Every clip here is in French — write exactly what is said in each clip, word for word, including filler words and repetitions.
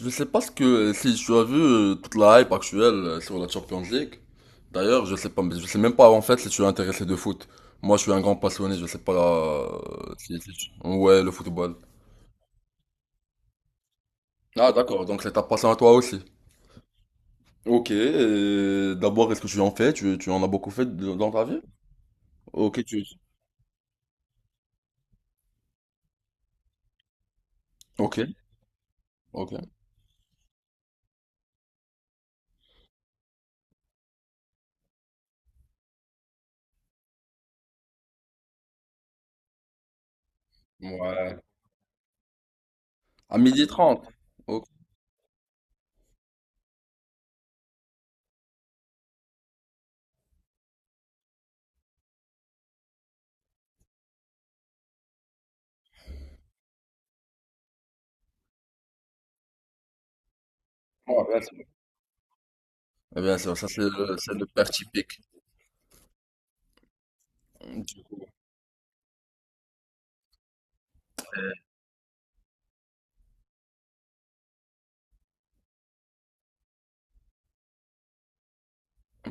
Je sais pas ce que si tu as vu euh, toute la hype actuelle euh, sur la Champions League. D'ailleurs, je sais pas, je sais même pas en fait si tu es intéressé de foot. Moi, je suis un grand passionné, je sais pas euh, si, si tu- Ouais, le football. Ah, d'accord, donc c'est ta passion à toi aussi. Ok, et d'abord, est-ce que tu en fais? Tu, tu en as beaucoup fait de- dans ta vie? Ok, tu... Ok, ok. Ouais. À midi trente. Ok. Ouais, bien sûr. Eh bien sûr, ça c'est le, c'est le père typique.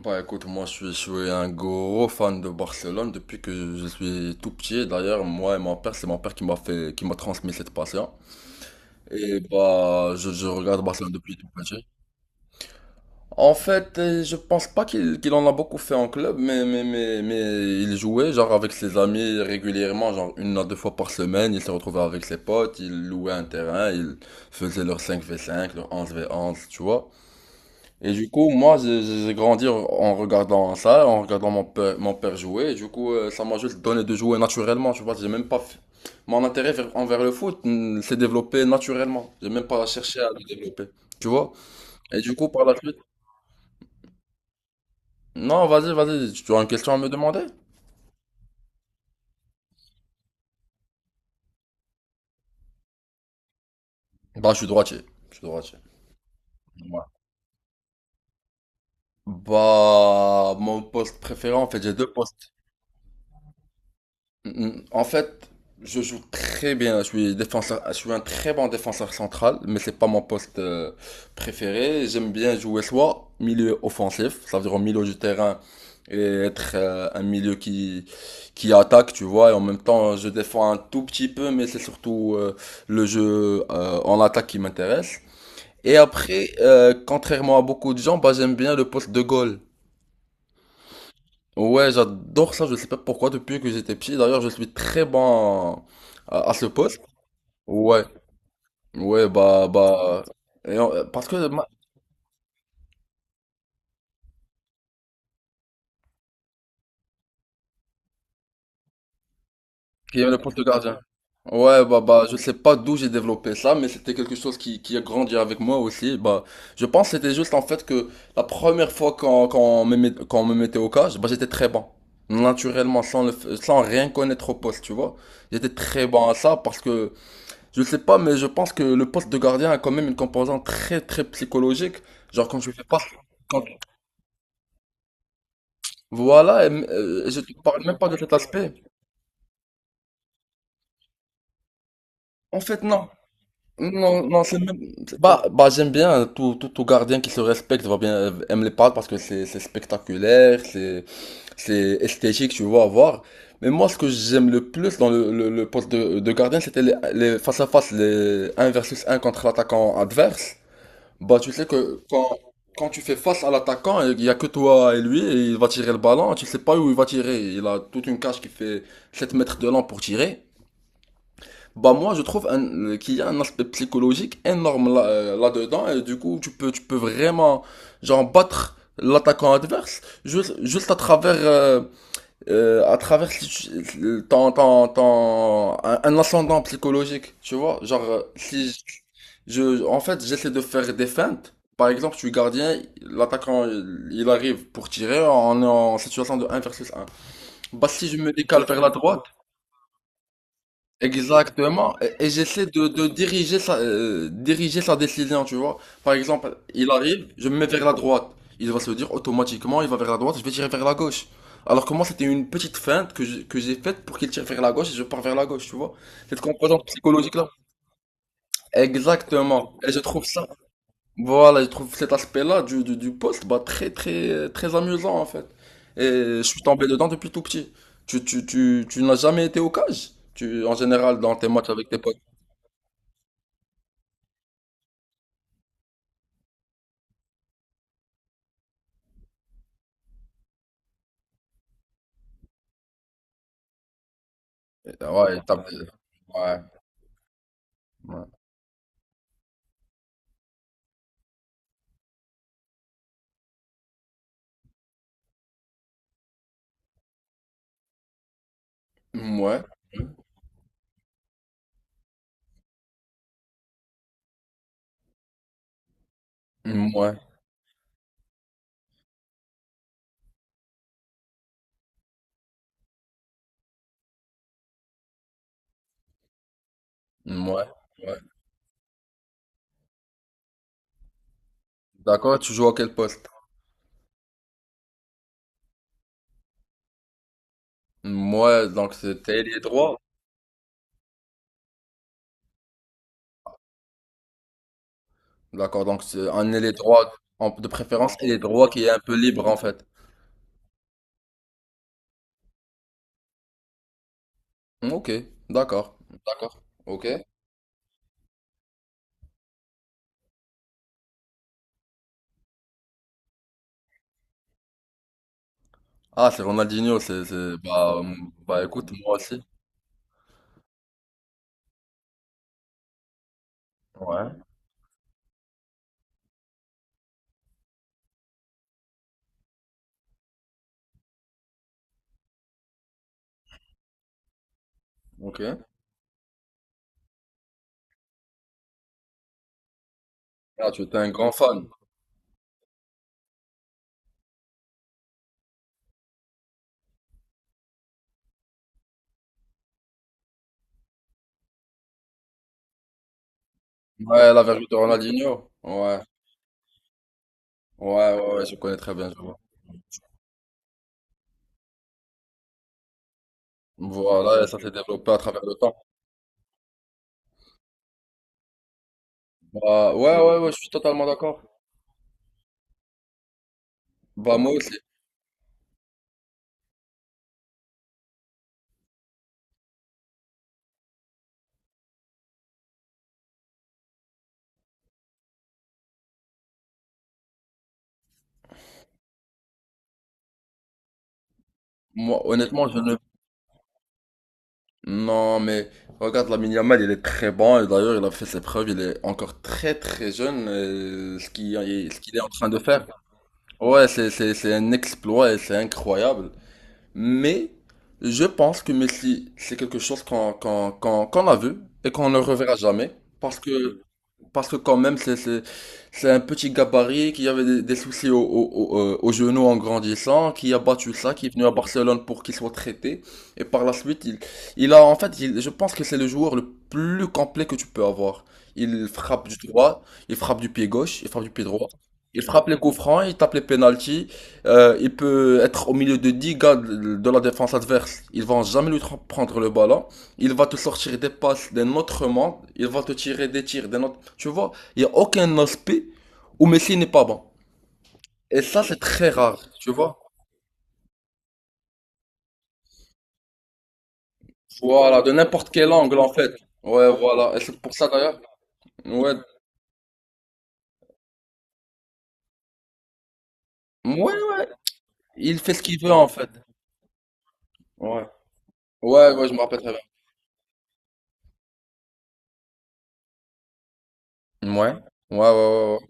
Bah écoute, moi je suis, je suis un gros fan de Barcelone depuis que je suis tout petit. D'ailleurs, moi et mon père, c'est mon père qui m'a fait, qui m'a transmis cette passion. Et bah, je, je regarde Barcelone depuis tout petit. En fait, euh, je pense pas qu'il qu'il en a beaucoup fait en club, mais, mais, mais, mais il jouait genre avec ses amis régulièrement, genre une à deux fois par semaine. Il se retrouvait avec ses potes, il louait un terrain, il faisait leur cinq v cinq, leur onze v onze, tu vois. Et du coup, moi, j'ai j'ai- j'ai grandi en regardant ça, en regardant mon père, mon père jouer. Et du coup, euh, ça m'a juste donné de jouer naturellement. Tu vois. J'ai même pas fait- Mon intérêt vers- envers le foot mm, s'est développé naturellement. J'ai même pas cherché à le développer. Tu vois? Et du coup, par la suite. Non, vas-y, vas-y. Tu as une question à me demander? Bah, je suis droitier. Je suis droitier. Ouais. Bah, mon poste préféré, en fait, j'ai deux postes. Mm, mm. En fait, je joue très bien. Je suis défenseur, je suis un très bon défenseur central, mais c'est pas mon poste euh, préféré. J'aime bien jouer soit milieu offensif, ça veut dire au milieu du terrain et être euh, un milieu qui qui attaque, tu vois. Et en même temps, je défends un tout petit peu, mais c'est surtout euh, le jeu euh, en attaque qui m'intéresse. Et après, euh, contrairement à beaucoup de gens, bah j'aime bien le poste de goal. Ouais, j'adore ça, je sais pas pourquoi, depuis que j'étais petit. D'ailleurs, je suis très bon en- à, à ce poste. Ouais, ouais, bah, bah. et on- parce que ma- il y a le poste de gardien. Ouais, bah, bah, je sais pas d'où j'ai développé ça, mais c'était quelque chose qui, qui a grandi avec moi aussi. Bah, je pense que c'était juste en fait que la première fois qu'on qu'on me, met- qu'on me mettait au cage, bah, j'étais très bon. Naturellement, sans le f- sans rien connaître au poste, tu vois. J'étais très bon à ça parce que je sais pas, mais je pense que le poste de gardien a quand même une composante très très psychologique. Genre quand je fais pas, quand- voilà, et, euh, je te parle même pas de cet aspect. En fait, non, non, non, c'est même, c'est- bah, bah j'aime bien tout, tout, tout gardien qui se respecte, va bien euh, aime les parcs parce que c'est c'est spectaculaire, c'est c'est esthétique, tu vois, à voir. Mais moi, ce que j'aime le plus dans le, le, le poste de, de gardien, c'était les, les face à face, les un versus un contre l'attaquant adverse. Bah, tu sais que quand, quand tu fais face à l'attaquant, il y a que toi et lui, et il va tirer le ballon, tu sais pas où il va tirer. Il a toute une cage qui fait sept mètres de long pour tirer. Bah, moi, je trouve un- qu'il y a un aspect psychologique énorme là, euh, là-dedans, et du coup, tu peux, tu peux vraiment, genre, battre l'attaquant adverse juste, juste à travers, euh, euh, à travers si tu- le- ton, ton, ton- un, un ascendant psychologique, tu vois. Genre, euh, si je, je- en fait, j'essaie de faire des feintes. Par exemple, je suis gardien, l'attaquant, il il arrive pour tirer, on est en situation de un versus un. Bah, si je me décale vers la droite, exactement, et, et j'essaie de, de diriger sa, euh, diriger sa décision, tu vois. Par exemple, il arrive, je me mets vers la droite. Il va se dire automatiquement, il va vers la droite, je vais tirer vers la gauche. Alors que moi, c'était une petite feinte que je- que j'ai faite pour qu'il tire vers la gauche et je pars vers la gauche, tu vois. Cette composante psychologique-là. Exactement. Et je trouve ça, voilà, je trouve cet aspect-là du, du, du poste, bah, très, très, euh, très amusant, en fait. Et je suis tombé dedans depuis tout petit. Tu, tu, tu, tu n'as jamais été au cage, tu, en général, dans tes matchs avec tes potes. Ouais, t'as- ouais, ouais. Moi, moi, moi, ouais. D'accord, tu joues à quel poste? Moi, donc c'est t'es ailier droit. D'accord, donc c'est un ailier droit, en- de préférence ailier droit qui est un peu libre en fait. Ok, d'accord, d'accord, ok. Ah, c'est Ronaldinho, c'est, c'est, bah, euh, bah écoute, moi aussi. Ouais, ok. Ah, tu es un grand fan. Ouais, la vertu de Ronaldinho. Ouais, ouais, ouais, ouais, je connais très bien, je vois. Voilà, et ça s'est développé à travers le temps. Bah, ouais, ouais, ouais, je suis totalement d'accord. Bah, moi aussi. Moi, honnêtement, je ne. Non, mais regarde, Lamine Yamal, il est très bon. Et d'ailleurs, il a fait ses preuves. Il est encore très, très jeune. euh, ce qui ce qu'il est en train de faire. Ouais, c'est, c'est, c'est un exploit et c'est incroyable. Mais, je pense que Messi, c'est quelque chose qu'on, qu'on, qu'on, qu'on a vu et qu'on ne reverra jamais. Parce que Parce que quand même, c'est c'est- c'est un petit gabarit qui avait des, des soucis au, au, au, euh, au genou en grandissant, qui a battu ça, qui est venu à Barcelone pour qu'il soit traité. Et par la suite, il, il a en fait, il- je pense que c'est le joueur le plus complet que tu peux avoir. Il frappe du droit, il frappe du pied gauche, il frappe du pied droit. Il frappe les coups francs, il tape les pénaltys. Euh, il peut être au milieu de dix gars de, de la défense adverse. Ils vont jamais lui tra- prendre le ballon. Il va te sortir des passes d'un autre monde. Il va te tirer des tirs d'un autre. Tu vois, il n'y a aucun aspect où Messi n'est pas bon. Et ça, c'est très rare, tu vois. Voilà, de n'importe quel angle, en fait. Ouais, voilà. Et c'est pour ça, d'ailleurs. Ouais. Ouais, ouais. Il fait ce qu'il veut, en fait. Ouais. Ouais, ouais, je me rappelle très bien. Ouais. Ouais, ouais, ouais, ouais.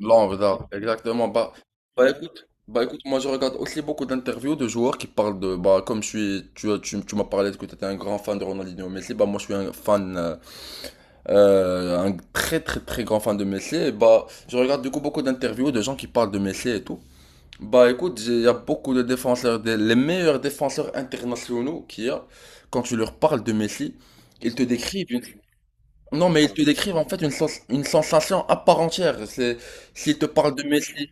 L'angle, là. Exactement. Bah, bah, écoute. Bah, écoute, moi, je regarde aussi beaucoup d'interviews de joueurs qui parlent de. Bah, comme je suis. Tu, as- tu, tu m'as parlé que tu étais un grand fan de Ronaldinho Messi. Bah, moi, je suis un fan. euh, euh, un très très très grand fan de Messi, et bah, je regarde du coup beaucoup d'interviews de gens qui parlent de Messi et tout. Bah écoute, j'ai- il y a beaucoup de défenseurs, des- les meilleurs défenseurs internationaux qu'il y a, quand tu leur parles de Messi, ils te décrivent une... Non mais ils te décrivent en fait une, sens- une sensation à part entière. C'est, s'ils te parlent de Messi,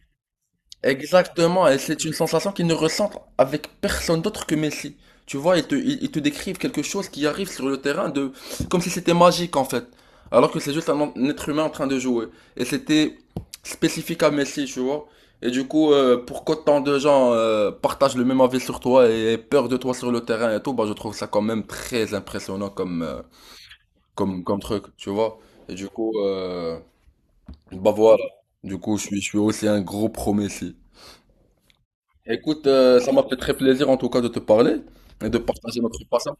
exactement, et c'est une sensation qu'ils ne ressentent avec personne d'autre que Messi. Tu vois, ils te, ils- ils te décrivent quelque chose qui arrive sur le terrain de, comme si c'était magique en fait, alors que c'est juste un, un être humain en train de jouer. Et c'était spécifique à Messi, tu vois. Et du coup, euh, pour qu'autant de gens euh, partagent le même avis sur toi et aient peur de toi sur le terrain et tout, bah je trouve ça quand même très impressionnant comme, euh, comme, comme truc, tu vois. Et du coup, euh, bah voilà. Du coup, je suis, je suis aussi un gros pro Messi. Écoute, euh, ça m'a fait très plaisir en tout cas de te parler et de partager notre passage.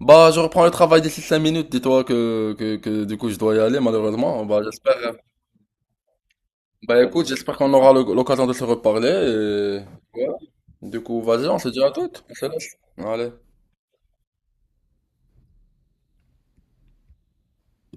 Bah, je reprends le travail d'ici cinq minutes. Dis-toi que, que, que du coup, je dois y aller malheureusement. Bah, j'espère. euh, Bah, écoute, j'espère qu'on aura le- l'occasion de se reparler. Et... Ouais. Du coup, vas-y, on se dit à toutes. On se laisse. Allez.